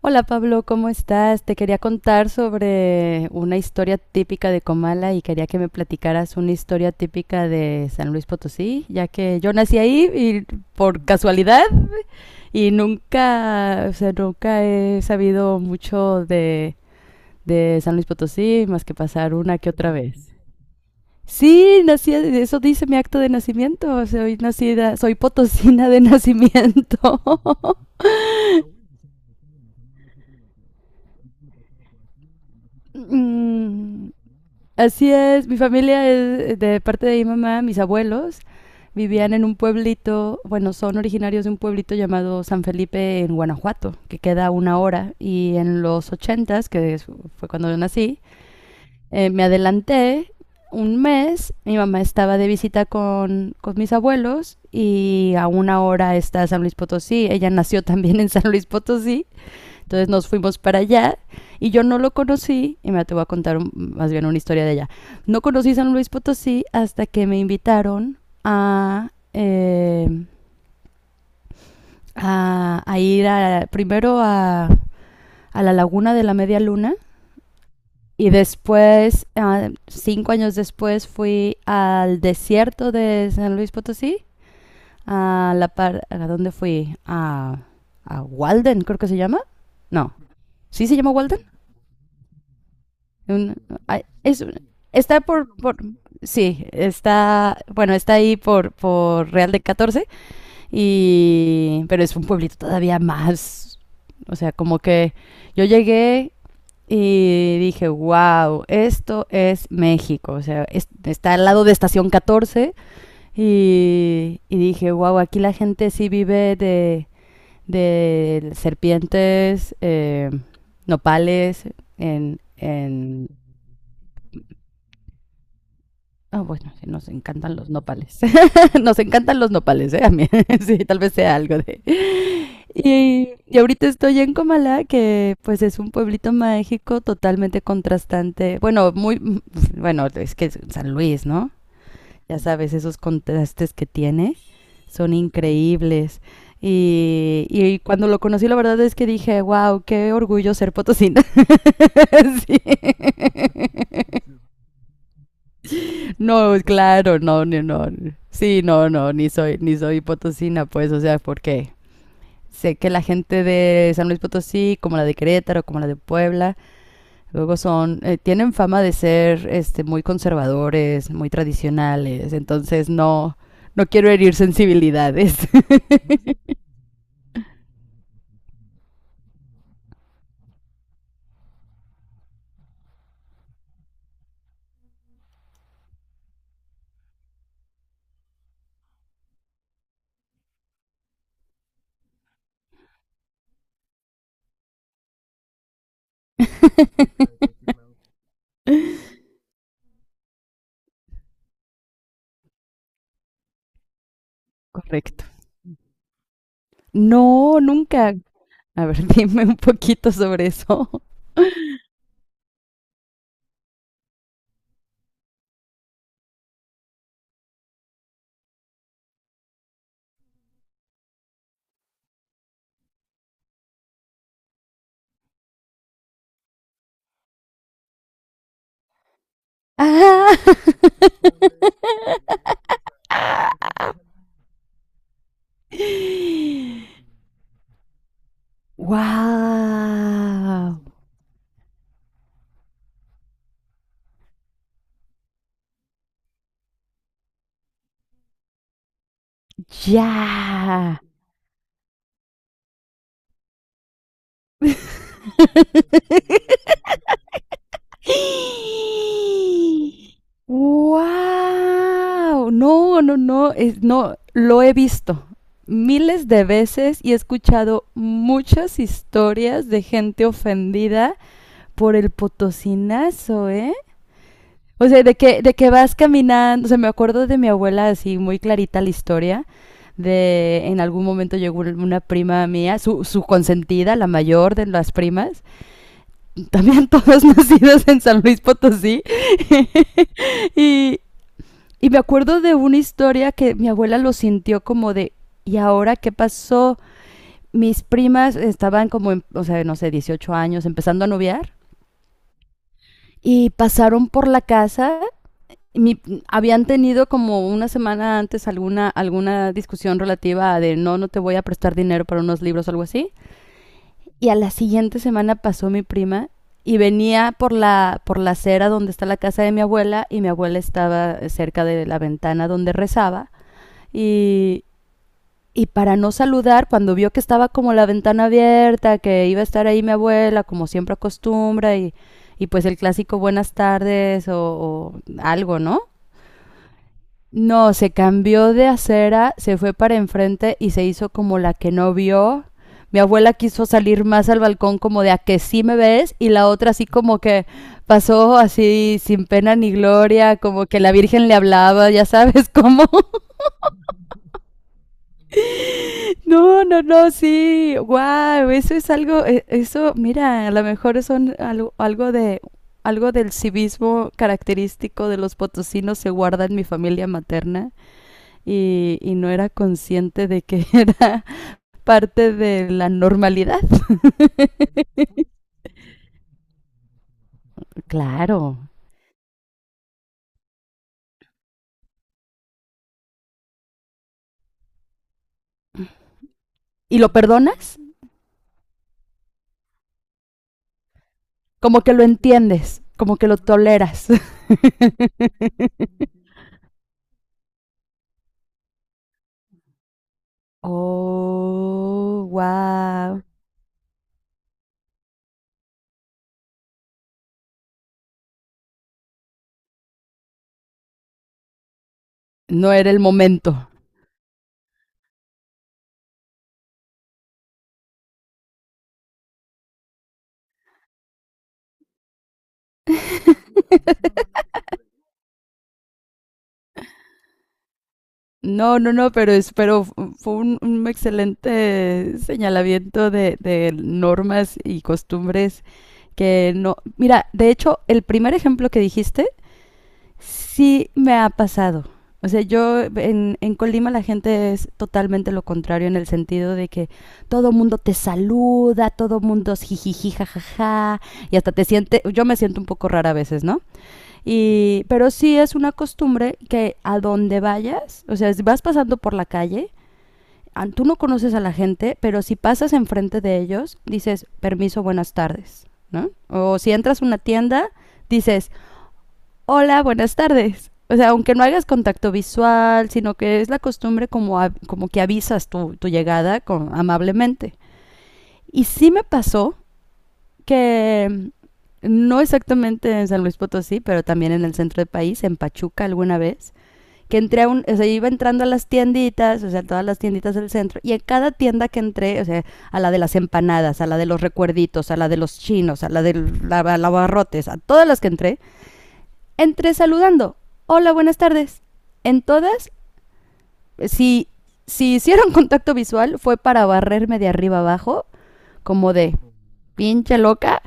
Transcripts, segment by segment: Hola Pablo, ¿cómo estás? Te quería contar sobre una historia típica de Comala y quería que me platicaras una historia típica de San Luis Potosí, ya que yo nací ahí y por casualidad y nunca, o sea, nunca he sabido mucho de San Luis Potosí más que pasar una que otra vez. Sí, nací, eso dice mi acto de nacimiento, soy nacida, soy potosina de nacimiento. Mm, Así es, mi familia es de parte de mi mamá, mis abuelos vivían en un pueblito, bueno, son originarios de un pueblito llamado San Felipe en Guanajuato, que queda a 1 hora, y en los 80, fue cuando yo nací, me adelanté un mes, mi mamá estaba de visita con mis abuelos y a 1 hora está San Luis Potosí, ella nació también en San Luis Potosí, entonces nos fuimos para allá y yo no lo conocí, y me te voy a contar un- más bien una historia de allá. No conocí San Luis Potosí hasta que me invitaron a, eh, a ir a- primero a la Laguna de la Media Luna y después, 5 años después, fui al desierto de San Luis Potosí, ¿A dónde fui? A Walden, creo que se llama. No, ¿sí se llama Walden? Un- ay, es Está sí, está, bueno, está ahí por Real de catorce y, pero es un pueblito todavía más, o sea, como que yo llegué y dije, wow, esto es México, o sea, está al lado de Estación catorce y dije, wow, aquí la gente sí vive de serpientes, nopales, en Ah, bueno, sí, nos encantan los nopales. Nos encantan los nopales, ¿eh? A mí, sí, tal vez sea algo de... Y, y ahorita estoy en Comala, que pues es un pueblito mágico totalmente contrastante. Bueno, muy... Bueno, es que es San Luis, ¿no? Ya sabes, esos contrastes que tiene son increíbles. Y cuando lo conocí, la verdad es que dije, wow, qué orgullo ser potosina. Sí. No, claro, no, no, no. Sí, no, no, ni soy, ni soy potosina, pues, o sea, porque sé que la gente de San Luis Potosí, como la de Querétaro, como la de Puebla, luego son, tienen fama de ser, este, muy conservadores, muy tradicionales, entonces no, no quiero herir sensibilidades. Correcto. No, nunca. A ver, dime un poquito sobre eso. Ah. Wow. Ya. Wow. No, no, no, es, no, lo he visto miles de veces y he escuchado muchas historias de gente ofendida por el potosinazo, ¿eh? O sea, de que vas caminando, o sea, me acuerdo de mi abuela así muy clarita la historia, de en algún momento llegó una prima mía, su consentida, la mayor de las primas, también todas nacidas en San Luis Potosí, y, y me acuerdo de una historia que mi abuela lo sintió como de, ¿y ahora qué pasó? Mis primas estaban como, en, o sea, no sé, 18 años, empezando a noviar, y pasaron por la casa mi, habían tenido como una semana antes alguna, alguna discusión relativa a de no, no te voy a prestar dinero para unos libros o algo así. Y a la siguiente semana pasó mi prima y venía por la acera donde está la casa de mi abuela y mi abuela estaba cerca de la ventana donde rezaba. Y, y para no saludar, cuando vio que estaba como la ventana abierta, que iba a estar ahí mi abuela, como siempre acostumbra, y pues el clásico buenas tardes o algo, ¿no? No, se cambió de acera, se fue para enfrente y se hizo como la que no vio. Mi abuela quiso salir más al balcón como de a que sí me ves y la otra así como que pasó así sin pena ni gloria, como que la Virgen le hablaba, ya sabes cómo. No, no, no, sí, wow, eso es algo, eso, mira, a lo mejor son algo, algo de algo del civismo característico de los potosinos se guarda en mi familia materna. Y, y no era consciente de que era parte de la normalidad. Claro. ¿Y lo perdonas? Como que lo entiendes, como que lo toleras. Oh, wow. No era el momento. No, no, no, pero, es, pero fue un excelente señalamiento de normas y costumbres que no... Mira, de hecho, el primer ejemplo que dijiste sí me ha pasado. O sea, yo en Colima la gente es totalmente lo contrario en el sentido de que todo mundo te saluda, todo mundo es jijiji, jajaja, y hasta te siente, yo me siento un poco rara a veces, ¿no? Y, pero sí es una costumbre que a donde vayas, o sea, si vas pasando por la calle, tú no conoces a la gente, pero si pasas enfrente de ellos, dices, permiso, buenas tardes, ¿no? O si entras a una tienda, dices, hola, buenas tardes. O sea, aunque no hagas contacto visual, sino que es la costumbre como, como que avisas tu, tu llegada con, amablemente. Y sí me pasó que no exactamente en San Luis Potosí, pero también en el centro del país, en Pachuca alguna vez, que o sea, iba entrando a las tienditas, o sea, todas las tienditas del centro, y en cada tienda que entré, o sea, a la de las empanadas, a la de los recuerditos, a la de los chinos, a la de los abarrotes, a todas las que entré, entre saludando. Hola, buenas tardes. En todas, si, si hicieron contacto visual, fue para barrerme de arriba abajo, como de pinche loca,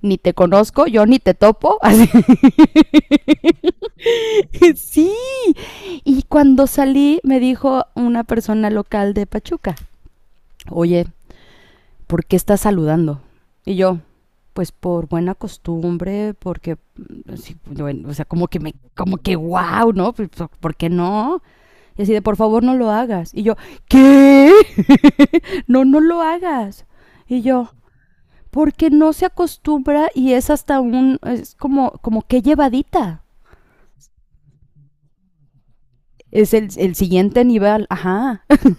ni te conozco, yo ni te topo. Así. Sí. Y cuando salí, me dijo una persona local de Pachuca. Oye, ¿por qué estás saludando? Y yo, pues por buena costumbre, porque, sí, bueno, o sea, como que me, como que wow, ¿no? Pues, ¿Por qué no? Y así de, por favor, no lo hagas. Y yo, ¿qué? No, no lo hagas. Y yo, porque no se acostumbra y es hasta un, es como, como que llevadita. Es el siguiente nivel, ajá.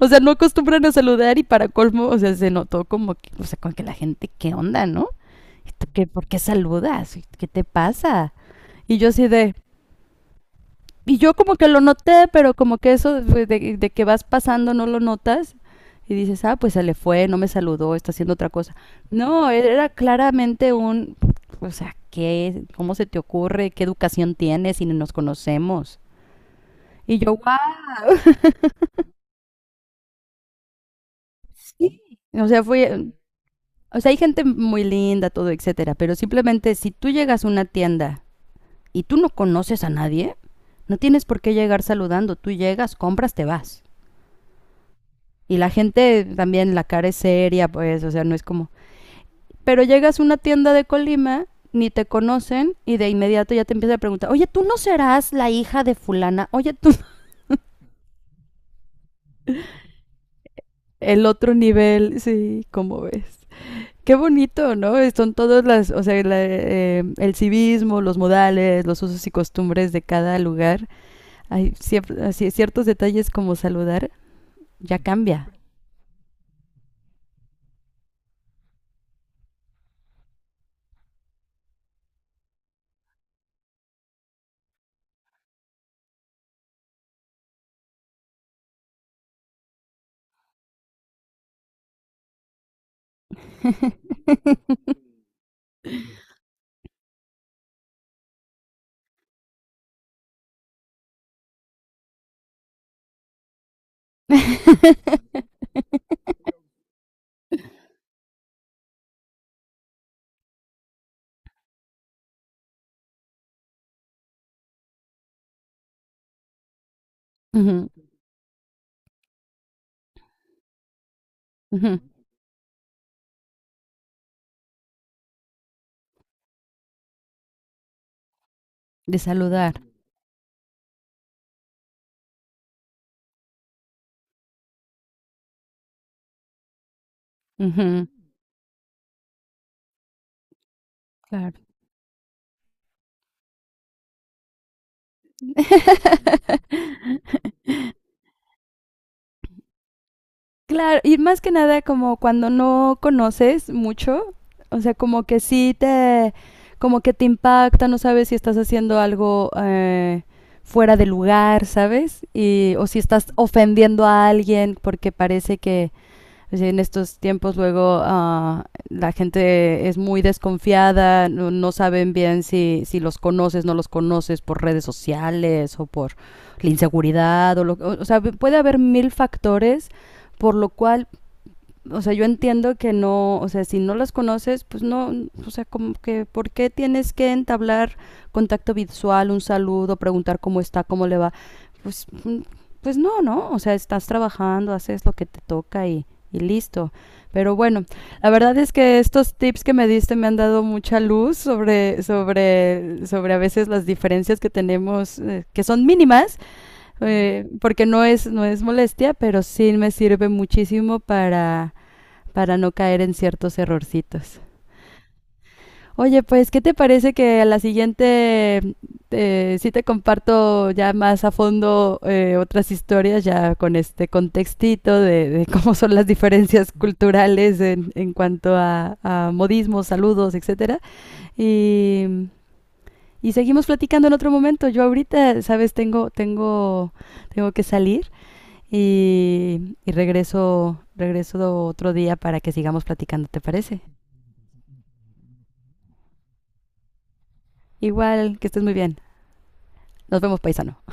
O sea, no acostumbran a saludar y para colmo, o sea, se notó como que, o sea, con que la gente, ¿qué onda, no? ¿Esto qué, ¿por qué saludas? ¿Qué te pasa? Y yo así de, y yo como que lo noté, pero como que eso de que vas pasando no lo notas y dices, ah, pues se le fue, no me saludó, está haciendo otra cosa. No, era claramente un, o sea, ¿qué? ¿Cómo se te ocurre? ¿Qué educación tienes si ni nos conocemos? Y yo, wow, sí. O sea, fue, o sea, hay gente muy linda, todo, etcétera, pero simplemente si tú llegas a una tienda y tú no conoces a nadie, no tienes por qué llegar saludando. Tú llegas, compras, te vas. Y la gente también, la cara es seria, pues, o sea, no es como... Pero llegas a una tienda de Colima, ni te conocen, y de inmediato ya te empiezan a preguntar, oye, ¿tú no serás la hija de fulana? Oye, tú... no. El otro nivel, sí, ¿cómo ves? Qué bonito, ¿no? Son todas las, o sea, la, el civismo, los modales, los usos y costumbres de cada lugar. Hay ciertos detalles como saludar, ya cambia. Ujú, ujú, de saludar. Ujú, claro. Claro, y más que nada como cuando no conoces mucho, o sea, como que sí te, como que te impacta, no sabes si estás haciendo algo fuera de lugar, ¿sabes? Y, o si estás ofendiendo a alguien porque parece que, es decir, en estos tiempos luego la gente es muy desconfiada, no, no saben bien si, si, los conoces, no los conoces por redes sociales o por la inseguridad. O sea, puede haber mil factores por lo cual o sea, yo entiendo que no, o sea, si no las conoces, pues no, o sea, como que, ¿por qué tienes que entablar contacto visual, un saludo, preguntar cómo está, cómo le va? Pues, pues no, ¿no? O sea, estás trabajando, haces lo que te toca y listo. Pero bueno, la verdad es que estos tips que me diste me han dado mucha luz sobre a veces las diferencias que tenemos, que son mínimas, porque no es, no es molestia, pero sí me sirve muchísimo para no caer en ciertos errorcitos. Oye, pues, ¿qué te parece que a la siguiente sí te comparto ya más a fondo otras historias, ya con este contextito de cómo son las diferencias culturales en cuanto a, modismos, saludos, etcétera? Y, y, seguimos platicando en otro momento. Yo ahorita, sabes, tengo que salir y regreso otro día para que sigamos platicando, ¿te parece? Igual, que estés muy bien. Nos vemos, paisano.